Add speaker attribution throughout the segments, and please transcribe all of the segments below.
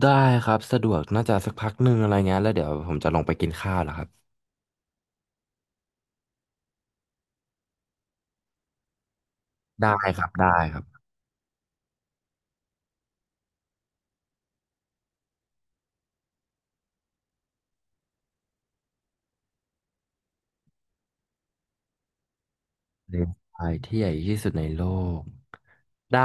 Speaker 1: ได้ครับสะดวกน่าจะสักพักหนึ่งอะไรเงี้ยแล้วเดี๋ยวผมจะลงไปกินข้าวแหล้วครับได้ครับได้ครับเลนส์ไฟที่ใหญ่ที่สุดในโลกได้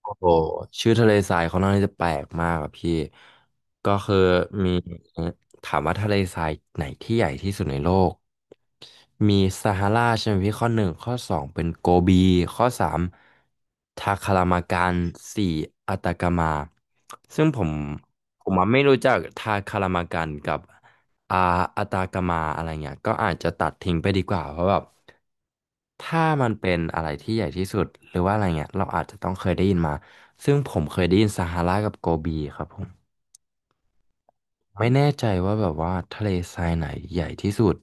Speaker 1: โอ้ชื่อทะเลทรายเขาน่อนข้างที่จะแปลกมากอะพี่ก็คือมีถามว่าทะเลทรายไหนที่ใหญ่ที่สุดในโลกมีซาฮาราใช่ไหมพี่ข้อหนึ่งข้อสองเป็นโกบีข้อสามทาคารามากันสี่อัตากามาซึ่งผมอะไม่รู้จักทาคารามากันกับ อ่าอัตากามาอะไรเงี้ยก็อาจจะตัดทิ้งไปดีกว่าเพราะแบบถ้ามันเป็นอะไรที่ใหญ่ที่สุดหรือว่าอะไรเงี้ยเราอาจจะต้องเคยได้ยินมาซึ่งผมเคยได้ยินซาฮารากับโกบีครับผมไม่แน่ใจว่าแบบว่าทะเลทรายไหนใหญ่ที่สุด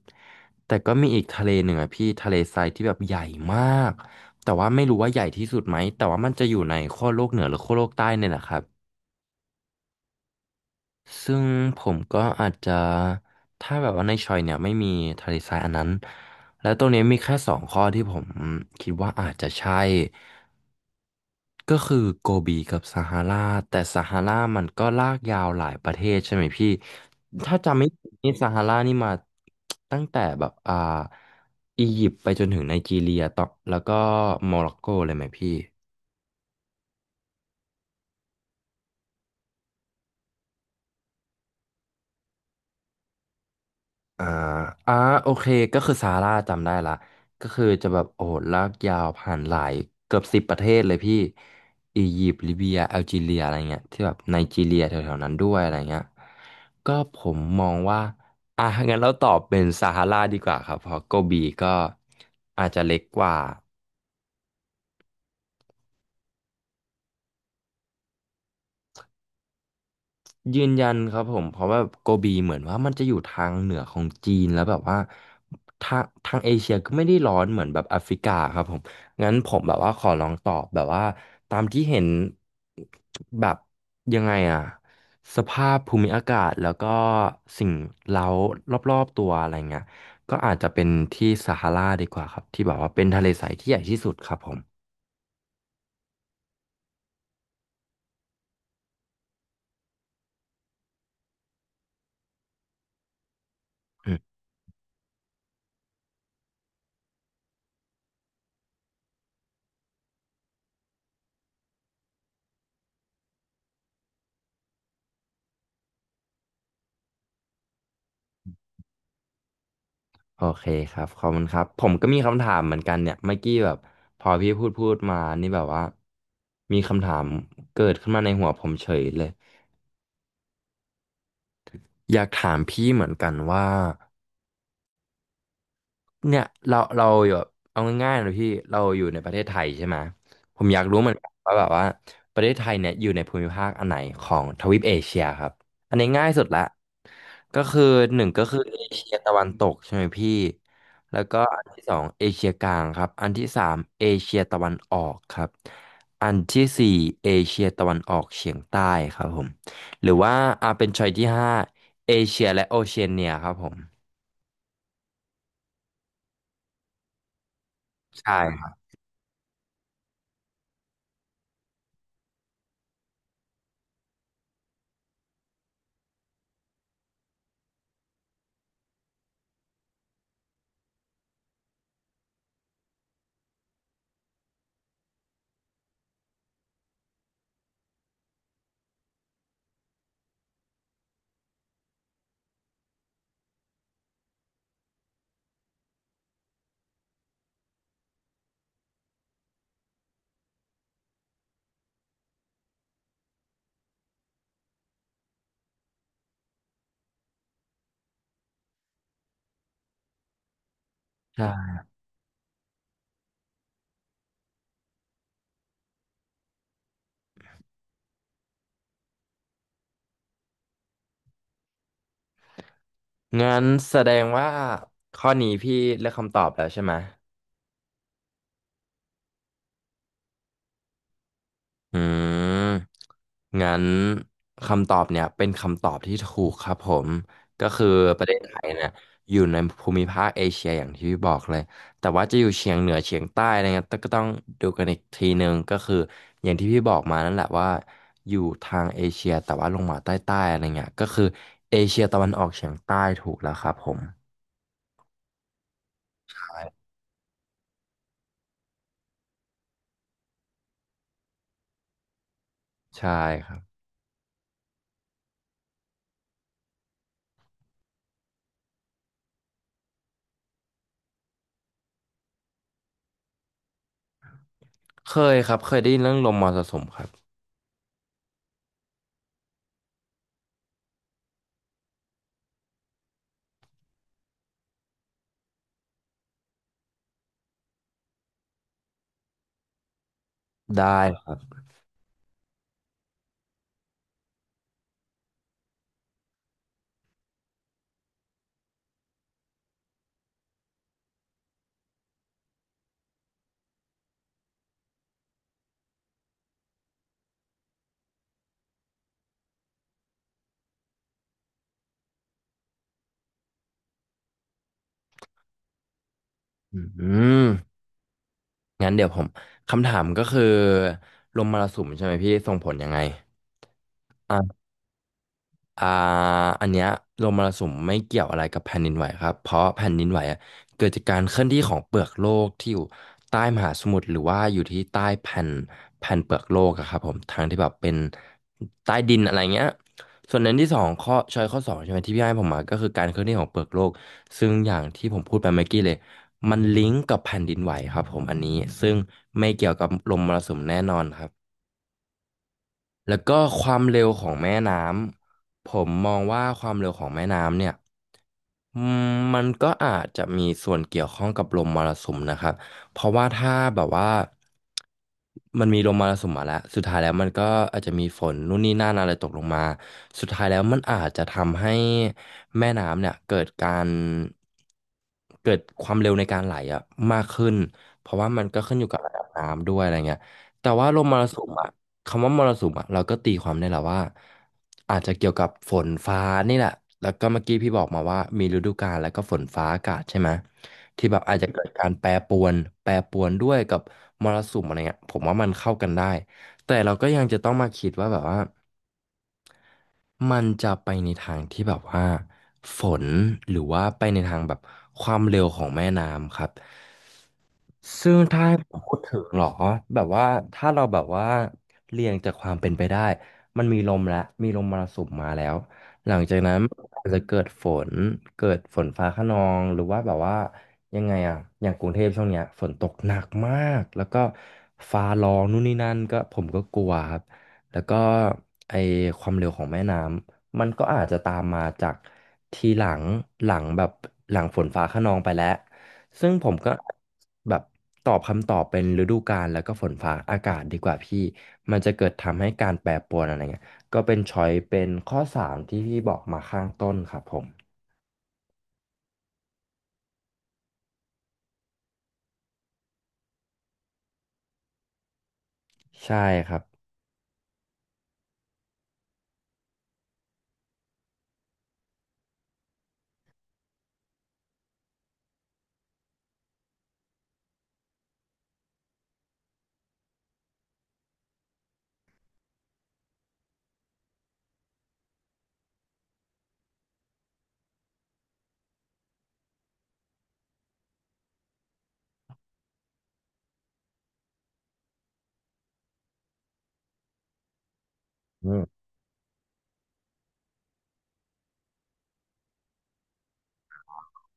Speaker 1: แต่ก็มีอีกทะเลหนึ่งอะพี่ทะเลทรายที่แบบใหญ่มากแต่ว่าไม่รู้ว่าใหญ่ที่สุดไหมแต่ว่ามันจะอยู่ในขั้วโลกเหนือหรือขั้วโลกใต้เนี่ยแหละครับ ซึ่งผมก็อาจจะถ้าแบบว่าในชอยเนี่ยไม่มีทะเลทรายอันนั้นและตรงนี้มีแค่สองข้อที่ผมคิดว่าอาจจะใช่ก็คือโกบีกับซาฮาราแต่ซาฮารามันก็ลากยาวหลายประเทศใช่ไหมพี่ถ้าจำไม่ผิดนี่ซาฮารานี่มาตั้งแต่แบบอียิปต์ไปจนถึงไนจีเรียต่อแล้วก็โมร็อกโกเลยไหมพี่ อ่าอ่าโอเคก็คือซาร่าจำได้ละก็คือจะแบบโอ้โหลากยาวผ่านหลายเกือบสิบประเทศเลยพี่ อียิปต์ลิเบียแอลจีเรียอะไรเงี้ยที่แบบไนจีเรียแถวๆนั้นด้วยอะไรเงี้ยก็ผมมองว่า อ่ะงั้นเราตอบเป็นซาฮาราดีกว่าครับ เพราะโกบีก็อาจจะเล็กกว่า ยืนยันครับผมเพราะว่าโกบีเหมือนว่ามันจะอยู่ทางเหนือของจีนแล้วแบบว่าทางเอเชียก็ไม่ได้ร้อนเหมือนแบบแอฟริกาครับผมงั้นผมแบบว่าขอลองตอบแบบว่าตามที่เห็นแบบยังไงอะสภาพภูมิอากาศแล้วก็สิ่งเร้ารอบๆตัวอะไรเงี้ยก็อาจจะเป็นที่ซาฮาราดีกว่าครับที่แบบว่าเป็นทะเลใสที่ใหญ่ที่สุดครับผม โอเคครับขอบคุณครับผมก็มีคำถามเหมือนกันเนี่ยเมื่อกี้แบบพอพี่พูดมานี่แบบว่ามีคำถามเกิดขึ้นมาในหัวผมเฉยเลยอยากถามพี่เหมือนกันว่า เนี่ยเราอยู่แบบเอาง่ายๆเลยพี่เราอยู่ในประเทศไทยใช่ไหมผมอยากรู้เหมือนกันว่าแบบว่าประเทศไทยเนี่ยอยู่ในภูมิภาคอันไหนของทวีปเอเชียครับอันนี้ง่ายสุดละก็คือหนึ่งก็คือเอเชียตะวันตกใช่ไหมพี่แล้วก็อันที่สองเอเชียกลางครับอันที่สามเอเชียตะวันออกครับอันที่สี่เอเชียตะวันออกเฉียงใต้ครับผมหรือว่าอาเป็นชอยที่ห้าเอเชียและโอเชียเนียครับผมใช่ครับ งั้นแสดงว่าข้อนี้พี่เลือกคำตอบแล้วใช่ไหมอืมงั้นคำตอบเนี่ยเป็นคำตอบที่ถูกครับผม ก็คือประเทศไทยเนี่ยอยู่ในภูมิภาคเอเชียอย่างที่พี่บอกเลยแต่ว่าจะอยู่เฉียงเหนือเฉียงใต้อะไรเงี้ยก็ต้องดูกันอีกทีนึงก็คืออย่างที่พี่บอกมานั่นแหละว่าอยู่ทางเอเชียแต่ว่าลงมาใต้ๆอะไรเงี้ยก็คือเอเชียตะวันออกเฉียงใต้ถูกแล้วครับผมใช่ใช่ครับ เคยครับเคยได้ยินเรื่องลมมรสุมครับได้ครับอืมงั้นเดี๋ยวผมคำถามก็คือลมมรสุมใช่ไหมพี่ส่งผลยังไง อ่าอันเนี้ยลมมรสุมไม่เกี่ยวอะไรกับแผ่นดินไหวครับเพราะแผ่นดินไหวอะเกิดจากการเคลื่อนที่ของเปลือกโลกที่อยู่ใต้มหาสมุทรหรือว่าอยู่ที่ใต้แผ่นเปลือกโลกอะครับผมทางที่แบบเป็นใต้ดินอะไรเงี้ยส่วนนั้นที่สองข้อชอยข้อสองใช่ไหมที่พี่ให้ผมมาก็คือการเคลื่อนที่ของเปลือกโลกซึ่งอย่างที่ผมพูดไปเมื่อกี้เลยมันลิงก์กับแผ่นดินไหวครับผมอันนี้ซึ่งไม่เกี่ยวกับลมมรสุมแน่นอนครับ แล้วก็ความเร็วของแม่น้ำผมมองว่าความเร็วของแม่น้ำเนี่ยอืมมันก็อาจจะมีส่วนเกี่ยวข้องกับลมมรสุมนะครับเพราะว่าถ้าแบบว่ามันมีลมมรสุมมาแล้วสุดท้ายแล้วมันก็อาจจะมีฝนนู่นนี่นั่นอะไรตกลงมาสุดท้ายแล้วมันอาจจะทำให้แม่น้ำเนี่ยเกิดการเกิดความเร็วในการไหลอะมากขึ้นเพราะว่ามันก็ขึ้นอยู่กับระดับน้ำด้วยอะไรเงี้ยแต่ว่าลมมรสุมอะ คำว่ามรสุมอ่ะเราก็ตีความได้แหละว่าอาจจะเกี่ยวกับฝนฟ้านี่แหละแล้วก็เมื่อกี้พี่บอกมาว่ามีฤดูกาลแล้วก็ฝนฟ้าอากาศใช่ไหมที่แบบอาจจะเกิดการแปรปรวนแปรปรวนด้วยกับมรสุมอะไรเงี้ยผมว่ามันเข้ากันได้แต่เราก็ยังจะต้องมาคิดว่าแบบว่ามันจะไปในทางที่แบบว่าฝนหรือว่าไปในทางแบบความเร็วของแม่น้ำครับ ซึ่งถ้าให้พูดถึงเหรอแบบว่าถ้าเราแบบว่าเรียงจากความเป็นไปได้มันมีลมแล้วมีลมมรสุมมาแล้วหลังจากนั้นอาจจะเกิดฝนเกิดฝนฟ้าคะนองหรือว่าแบบว่ายังไงอะอย่างกรุงเทพช่วงเนี้ยฝนตกหนักมากแล้วก็ฟ้าร้องนู่นนี่นั่นก็ผมก็กลัวครับแล้วก็ไอความเร็วของแม่น้ำมันก็อาจจะตามมาจากทีหลังหลังแบบหลังฝนฟ้าคะนองไปแล้ว ซึ่งผมก็แบบตอบคำตอบเป็นฤดูกาลแล้วก็ฝนฟ้าอากาศดีกว่าพี่มันจะเกิดทำให้การแปรปรวนอะไรเงี้ยก็เป็นช้อยเป็นข้อสามที่พี่บอกมาข้างต้นครับผมใช่ครับ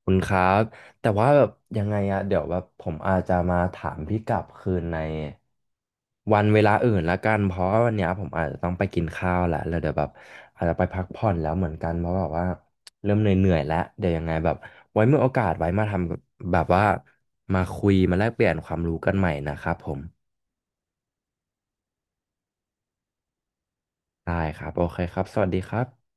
Speaker 1: คุณครับแต่ว่าแบบยังไงอะเดี๋ยวแบบผมอาจจะมาถามพี่กลับคืนในวันเวลาอื่นละกันเพราะว่าวันเนี้ยผมอาจจะต้องไปกินข้าวแหละแล้วเดี๋ยวแบบอาจจะไปพักผ่อนแล้วเหมือนกันเพราะแบบว่าเริ่มเหนื่อยๆแล้วเดี๋ยวยังไงแบบไว้มีโอกาสไว้มาทำแบบว่ามาคุยมาแลกเปลี่ยนความรู้กันใหม่นะครับผมได้ครับโอเคครับสวัสดีครับ